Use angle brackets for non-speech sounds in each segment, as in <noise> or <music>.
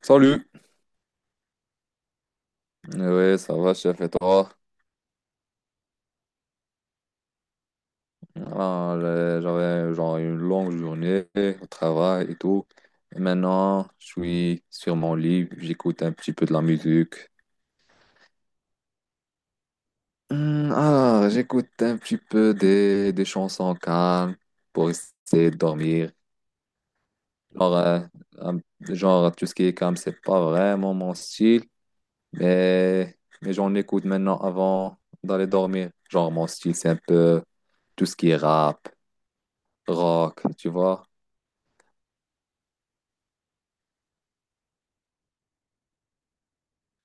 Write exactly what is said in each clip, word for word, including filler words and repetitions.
Salut. Oui, ça va, chef, et toi? Voilà, j'ai- j'avais genre une longue journée au travail et tout. Et maintenant, je suis sur mon lit, j'écoute un petit peu de la musique. Hmm, Alors, j'écoute un petit peu des, des chansons calmes pour essayer de dormir. Genre, euh, un- genre, tout ce qui est calme, c'est pas vraiment mon style, mais, mais j'en écoute maintenant avant d'aller dormir. Genre, mon style, c'est un peu tout ce qui est rap, rock, tu vois.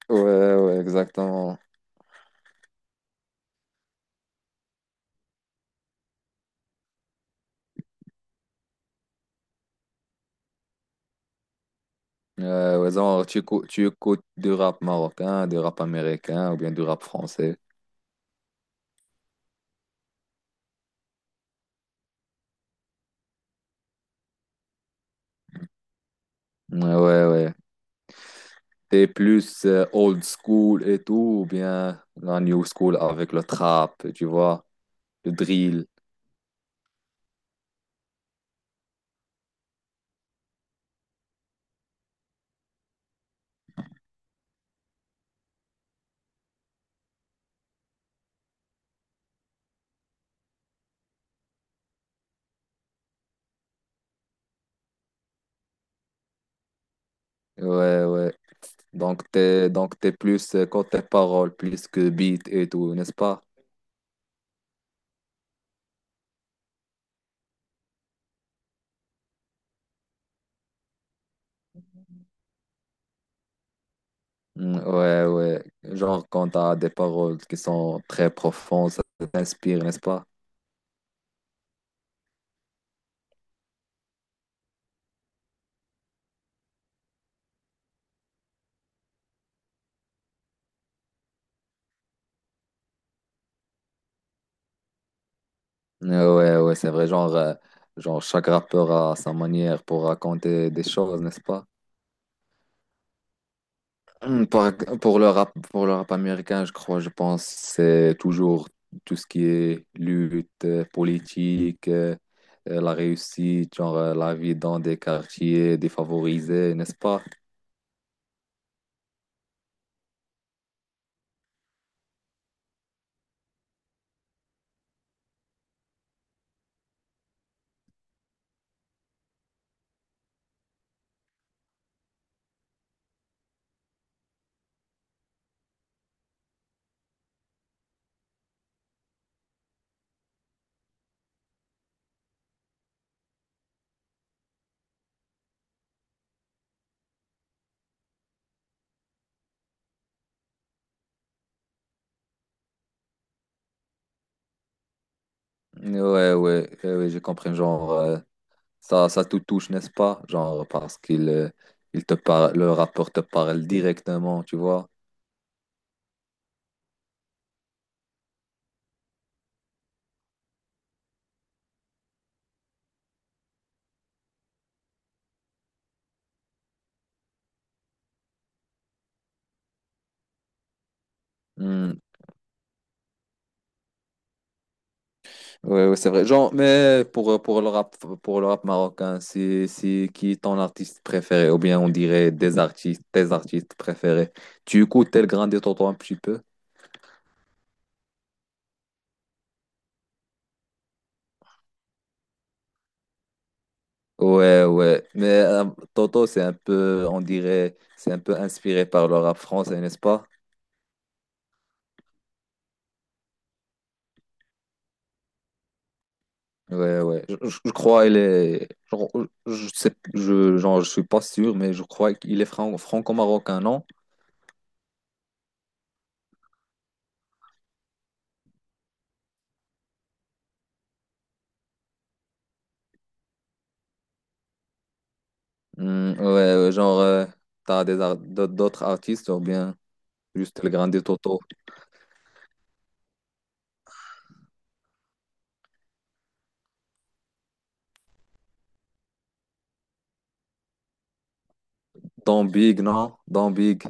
Ouais, ouais, exactement. Euh, ouais, genre, tu, écou- tu écoutes du rap marocain, du rap américain ou bien du rap français. Ouais, ouais, ouais. T'es plus euh, old school et tout, ou bien la new school avec le trap, tu vois, le drill. Ouais, ouais. Donc, t'es, donc t'es plus euh, côté paroles, plus que beat et tout, n'est-ce pas? Mm, Ouais, ouais. Genre, quand t'as des paroles qui sont très profondes, ça t'inspire, n'est-ce pas? Euh, Ouais, ouais, c'est vrai, genre, euh, genre chaque rappeur a sa manière pour raconter des choses, n'est-ce pas? Hum, Par- pour le rap, pour le rap américain, je crois, je pense, c'est toujours tout ce qui est lutte, euh, politique, euh, euh, la réussite, genre euh, la vie dans des quartiers défavorisés, n'est-ce pas? Ouais, ouais, ouais, ouais, je comprends. Genre, euh, ça, ça te touche, n'est-ce pas? Genre, parce qu'il euh, il te parle, le rappeur te parle directement, tu vois. Ouais, ouais, c'est vrai. Genre, mais pour, euh, pour le rap, pour le rap marocain, c'est, c'est qui ton artiste préféré? Ou bien on dirait des artistes, tes artistes préférés. Tu écoutes El Grande et Toto un petit peu? Ouais, ouais. Mais euh, Toto, c'est un peu, on dirait, c'est un peu inspiré par le rap français, n'est-ce pas? Ouais, ouais. Je, je- je crois il est. Genre, je sais, je, genre, je suis pas sûr, mais je crois qu'il est fran- franco-marocain, non? Hmm, ouais, ouais, genre, tu t'as des ar- d'autres artistes, ou bien. Juste le El Grande Toto. Dans Big, non? Dans Big.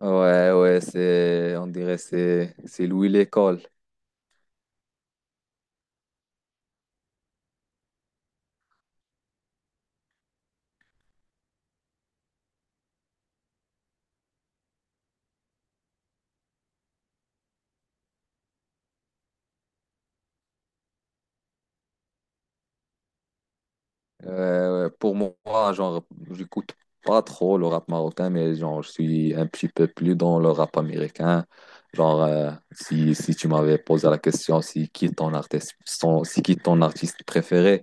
Ouais, ouais, c'est, on dirait c'est, c'est Louis l'école. Euh, pour moi, genre, j'écoute pas trop le rap marocain, mais genre, je suis un petit peu plus dans le rap américain. Genre, euh, si, si tu m'avais posé la question, si qui est ton artiste, son- si qui est ton artiste préféré,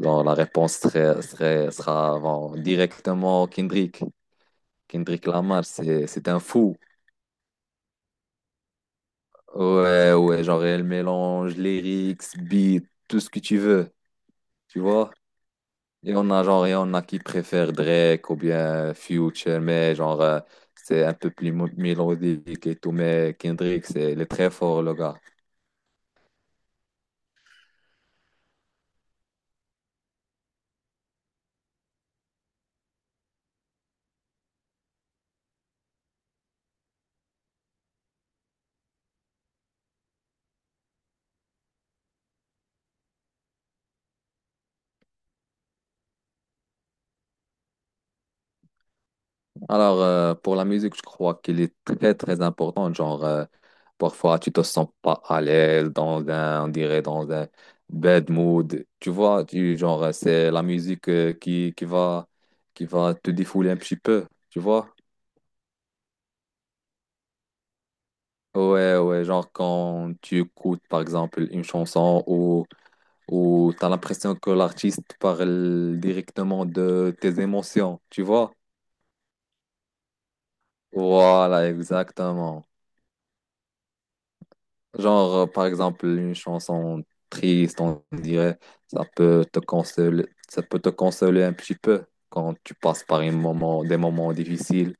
genre, la réponse serait, serait, sera, bon, directement Kendrick. Kendrick Lamar, c'est, c'est un fou. Ouais, ouais, genre elle mélange lyrics, beats, tout ce que tu veux, tu vois. Et on a genre, et on a qui préfère Drake ou bien Future, mais genre, euh, c'est un peu plus mo- mélodique et tout, mais Kendrick, c'est, il est très fort, le gars. Alors, euh, pour la musique, je crois qu'il est très, très important. Genre, euh, parfois, tu te sens pas à l'aise dans un, on dirait, dans un bad mood. Tu vois, tu, genre, euh, c'est la musique euh, qui, qui va, qui va te défouler un petit peu. Tu vois? Ouais, ouais, genre quand tu écoutes par exemple une chanson où, où tu as l'impression que l'artiste parle directement de tes émotions, tu vois? Voilà, exactement. Genre, euh, par exemple, une chanson triste, on dirait, ça peut te consoler, ça peut te consoler un petit peu quand tu passes par un moment, des moments difficiles.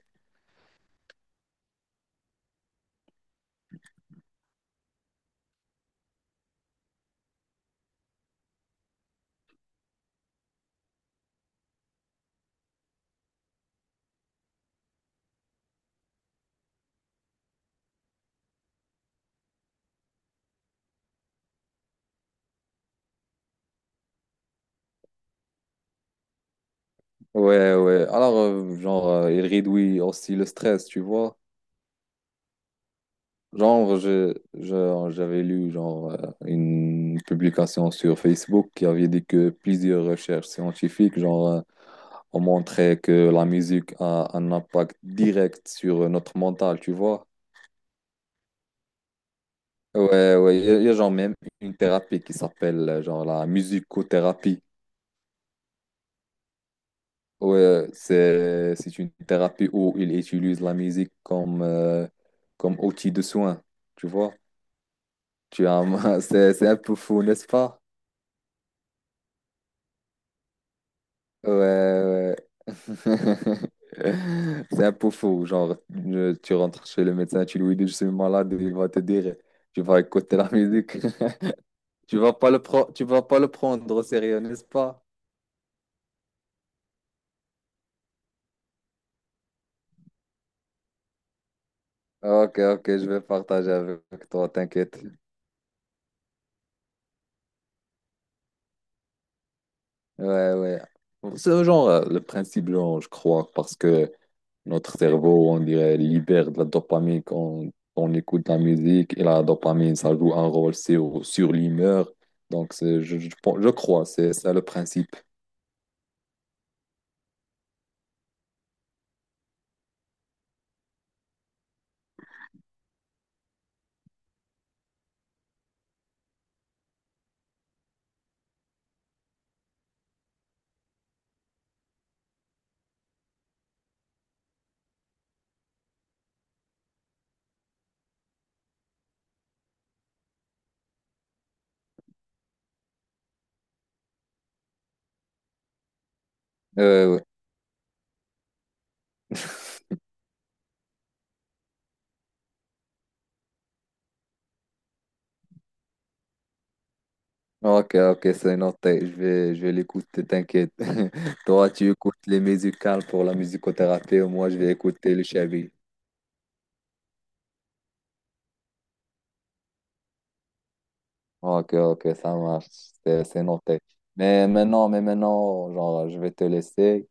Ouais, ouais. Alors, euh, genre, euh, il réduit aussi le stress, tu vois. Genre, je, je- j'avais lu genre, euh, une publication sur Facebook qui avait dit que plusieurs recherches scientifiques genre, euh, ont montré que la musique a un impact direct sur notre mental, tu vois. Ouais, ouais, il y, a il y a genre même une thérapie qui s'appelle euh, genre la musicothérapie. Ouais, c'est, c'est une thérapie où ils utilisent la musique comme, euh, comme outil de soin, tu vois. Tu as, <laughs> c'est, c'est un peu fou, n'est-ce pas? Ouais, ouais. <laughs> C'est un peu faux. Genre, je- tu rentres chez le médecin, tu lui dis, je suis malade, il va te dire, tu vas écouter la musique. <laughs> Tu vas pas le pro- tu vas pas le prendre au sérieux, n'est-ce pas? Ok, ok, je vais partager avec toi, t'inquiète. Ouais, ouais. C'est genre euh, le principe, genre, je crois, parce que Notre cerveau, on dirait, libère de la dopamine quand on écoute la musique et la dopamine, ça joue un rôle sur, sur l'humeur. Donc, c'est- je, je, pense- je crois, c'est ça le principe. Euh, ouais. <laughs> Ok, ok, c'est noté. Je vais, je vais l'écouter, t'inquiète. <laughs> Toi, tu écoutes les musicales pour la musicothérapie, et moi, je vais écouter le Chavi. Ok, ok, ça marche. C'est c'est noté. Mais maintenant, mais maintenant, genre, je vais te laisser.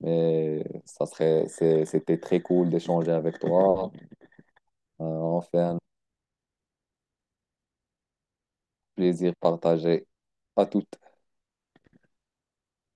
Mais ça serait, c'est- c'était très cool d'échanger avec toi. Euh, enfin, plaisir partagé. À tout.